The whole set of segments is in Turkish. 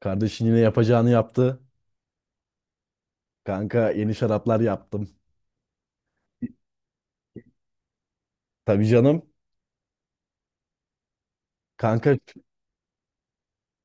Kardeşin yine yapacağını yaptı. Kanka yeni şaraplar yaptım. Tabii canım. Kanka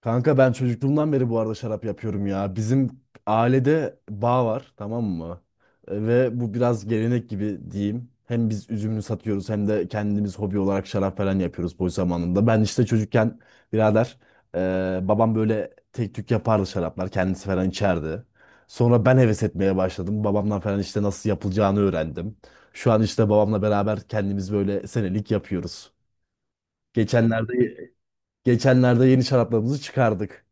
Kanka ben çocukluğumdan beri bu arada şarap yapıyorum ya. Bizim ailede bağ var, tamam mı? Ve bu biraz gelenek gibi diyeyim. Hem biz üzümünü satıyoruz hem de kendimiz hobi olarak şarap falan yapıyoruz boş zamanında. Ben işte çocukken birader babam böyle tek tük yapardı, şaraplar kendisi falan içerdi. Sonra ben heves etmeye başladım. Babamdan falan işte nasıl yapılacağını öğrendim. Şu an işte babamla beraber kendimiz böyle senelik yapıyoruz. Geçenlerde geçenlerde yeni şaraplarımızı çıkardık.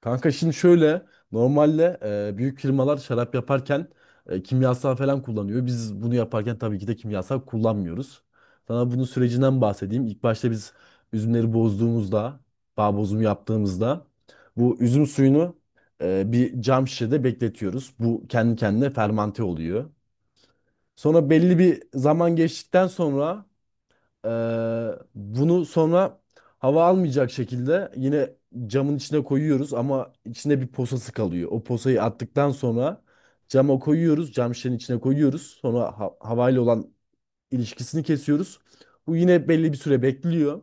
Kanka şimdi şöyle, normalde büyük firmalar şarap yaparken kimyasal falan kullanıyor. Biz bunu yaparken tabii ki de kimyasal kullanmıyoruz. Sana bunun sürecinden bahsedeyim. İlk başta biz üzümleri bozduğumuzda, bağ bozumu yaptığımızda bu üzüm suyunu bir cam şişede bekletiyoruz. Bu kendi kendine fermante oluyor. Sonra belli bir zaman geçtikten sonra bunu sonra hava almayacak şekilde yine camın içine koyuyoruz ama içinde bir posası kalıyor. O posayı attıktan sonra cama koyuyoruz, cam şişenin içine koyuyoruz. Sonra havayla olan ilişkisini kesiyoruz. Bu yine belli bir süre bekliyor.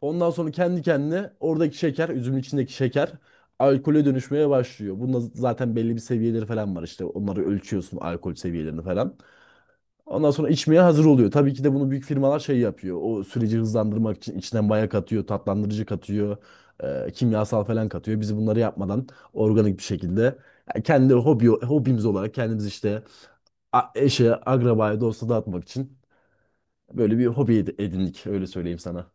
Ondan sonra kendi kendine oradaki şeker, üzümün içindeki şeker alkole dönüşmeye başlıyor. Bunda zaten belli bir seviyeleri falan var işte. Onları ölçüyorsun, alkol seviyelerini falan. Ondan sonra içmeye hazır oluyor. Tabii ki de bunu büyük firmalar şey yapıyor. O süreci hızlandırmak için içinden maya katıyor, tatlandırıcı katıyor, kimyasal falan katıyor. Biz bunları yapmadan organik bir şekilde, yani kendi hobimiz olarak kendimiz işte eşe, akrabaya, dosta dağıtmak için böyle bir hobi edindik. Öyle söyleyeyim sana.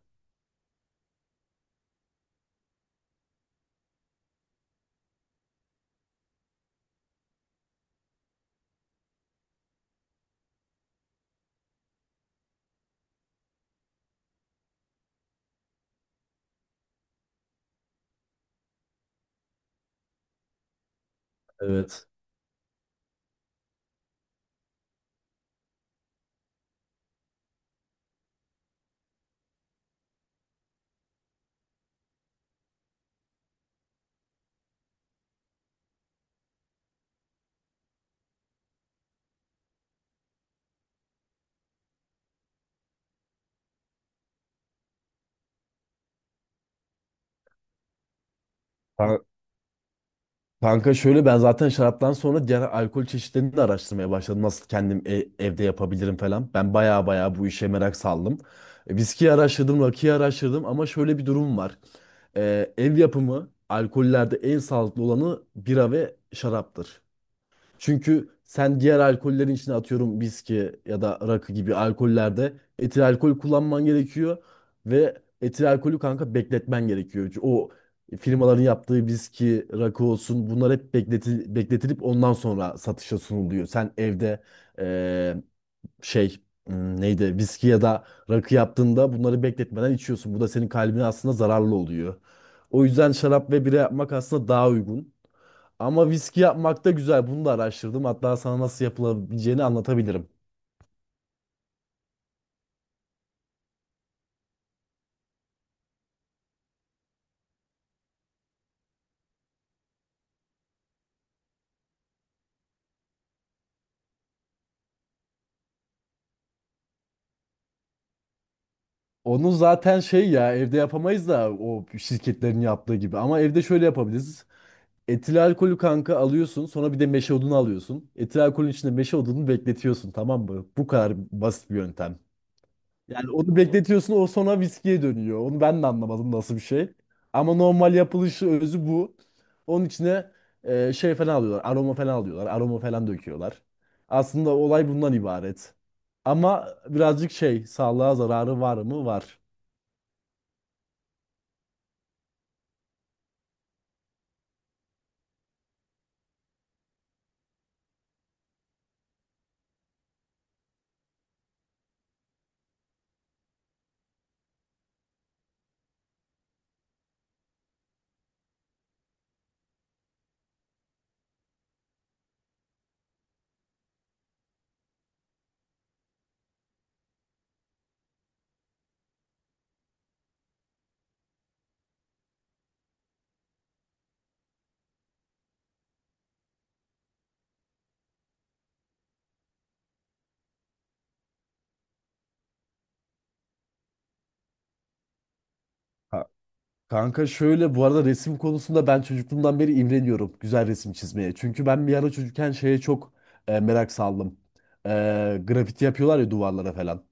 Evet. Ha- Kanka şöyle, ben zaten şaraptan sonra diğer alkol çeşitlerini de araştırmaya başladım. Nasıl kendim evde yapabilirim falan. Ben baya baya bu işe merak saldım. Viskiyi araştırdım, rakıyı araştırdım ama şöyle bir durum var. Ev yapımı alkollerde en sağlıklı olanı bira ve şaraptır. Çünkü sen diğer alkollerin içine atıyorum, viski ya da rakı gibi alkollerde etil alkol kullanman gerekiyor ve etil alkolü kanka bekletmen gerekiyor. Çünkü o firmaların yaptığı viski, rakı olsun bunlar hep bekletilip ondan sonra satışa sunuluyor. Sen evde eee, şey neydi, viski ya da rakı yaptığında bunları bekletmeden içiyorsun. Bu da senin kalbine aslında zararlı oluyor. O yüzden şarap ve bira yapmak aslında daha uygun. Ama viski yapmak da güzel. Bunu da araştırdım. Hatta sana nasıl yapılabileceğini anlatabilirim. Onu zaten şey ya, evde yapamayız da o şirketlerin yaptığı gibi. Ama evde şöyle yapabiliriz. Etil alkolü kanka alıyorsun. Sonra bir de meşe odunu alıyorsun. Etil alkolün içinde meşe odunu bekletiyorsun. Tamam mı? Bu kadar basit bir yöntem. Yani onu bekletiyorsun, o sonra viskiye dönüyor. Onu ben de anlamadım nasıl bir şey. Ama normal yapılışı özü bu. Onun içine şey falan alıyorlar. Aroma falan alıyorlar. Aroma falan döküyorlar. Aslında olay bundan ibaret. Ama birazcık şey, sağlığa zararı var mı? Var. Ha, Kanka şöyle bu arada resim konusunda ben çocukluğumdan beri imreniyorum güzel resim çizmeye. Çünkü ben bir ara çocukken şeye çok merak saldım. E, Grafiti yapıyorlar ya duvarlara falan,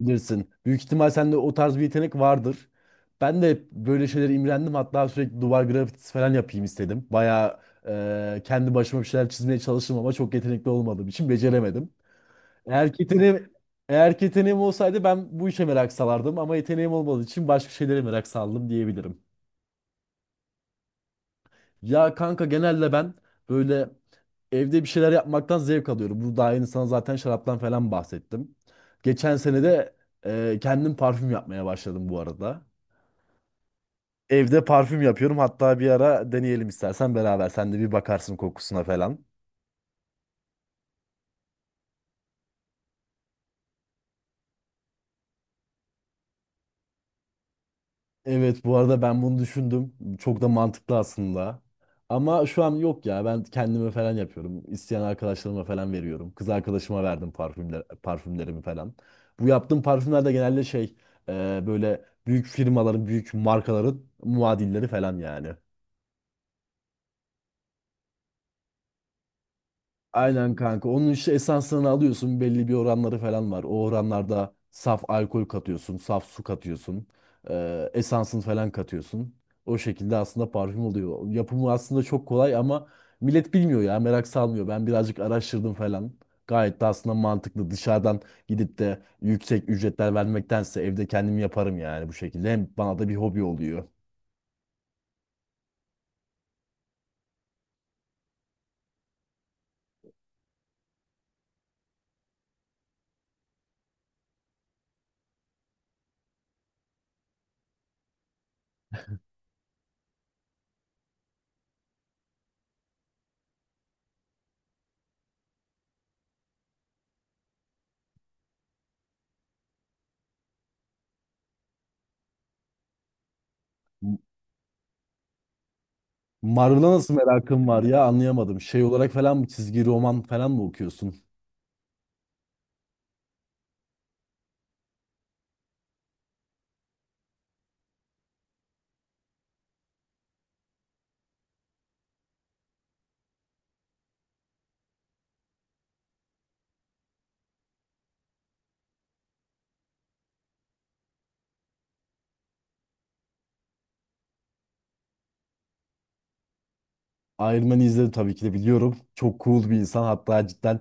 bilirsin. Büyük ihtimal sende o tarz bir yetenek vardır. Ben de hep böyle şeylere imrendim. Hatta sürekli duvar grafitisi falan yapayım istedim. Bayağı kendi başıma bir şeyler çizmeye çalıştım ama çok yetenekli olmadığım için beceremedim. Eğer ki yeteneğim, eğer ki yeteneğim olsaydı ben bu işe merak salardım ama yeteneğim olmadığı için başka şeylere merak saldım diyebilirim. Ya kanka genelde ben böyle evde bir şeyler yapmaktan zevk alıyorum. Bu daha yeni sana zaten şaraptan falan bahsettim. Geçen sene de kendim parfüm yapmaya başladım bu arada. Evde parfüm yapıyorum. Hatta bir ara deneyelim istersen beraber. Sen de bir bakarsın kokusuna falan. Evet, bu arada ben bunu düşündüm. Çok da mantıklı aslında. Ama şu an yok ya. Ben kendime falan yapıyorum. İsteyen arkadaşlarıma falan veriyorum. Kız arkadaşıma verdim parfümlerimi falan. Bu yaptığım parfümler de genelde şey, böyle büyük firmaların, büyük markaların muadilleri falan yani. Aynen kanka. Onun işte esansını alıyorsun. Belli bir oranları falan var. O oranlarda saf alkol katıyorsun, saf su katıyorsun. Esansını falan katıyorsun. O şekilde aslında parfüm oluyor. Yapımı aslında çok kolay ama millet bilmiyor ya. Merak salmıyor. Ben birazcık araştırdım falan. Gayet de aslında mantıklı. Dışarıdan gidip de yüksek ücretler vermektense evde kendim yaparım yani bu şekilde. Hem bana da bir hobi oluyor. M- Marvel'a nasıl merakın var ya, anlayamadım. Şey olarak falan mı, çizgi roman falan mı okuyorsun? Iron Man'i izledim, tabii ki de biliyorum. Çok cool bir insan. Hatta cidden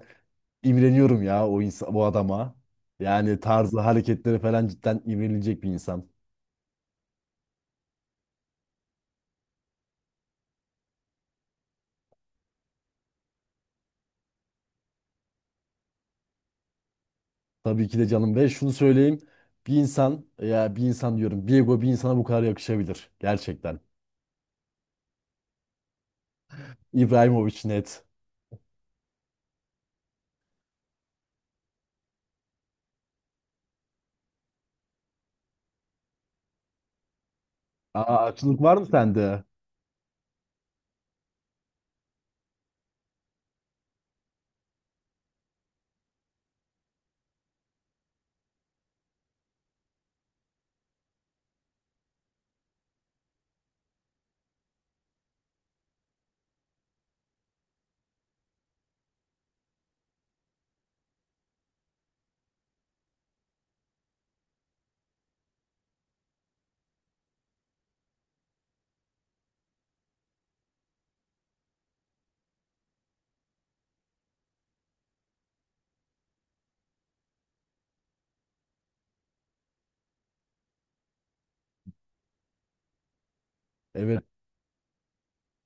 imreniyorum ya o insan, bu adama. Yani tarzı, hareketleri falan cidden imrenilecek bir insan. Tabii ki de canım, ve şunu söyleyeyim. Bir insan ya, bir insan diyorum. Bir ego bir insana bu kadar yakışabilir. Gerçekten. İbrahimovic net. Aa, açılık var mı sende? Evet.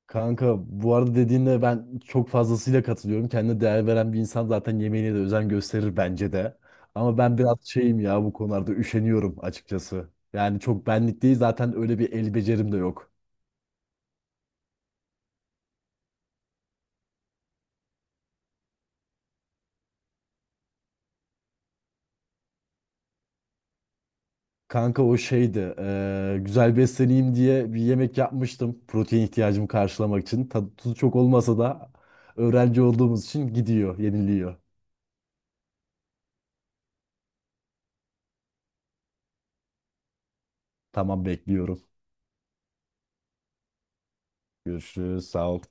Kanka bu arada dediğinde ben çok fazlasıyla katılıyorum. Kendine değer veren bir insan zaten yemeğine de özen gösterir bence de. Ama ben biraz şeyim ya bu konularda, üşeniyorum açıkçası. Yani çok benlik değil, zaten öyle bir el becerim de yok. Kanka o şeydi güzel besleneyim diye bir yemek yapmıştım. Protein ihtiyacımı karşılamak için. Tadı tuzu çok olmasa da öğrenci olduğumuz için gidiyor, yeniliyor. Tamam, bekliyorum. Görüşürüz, sağ ol.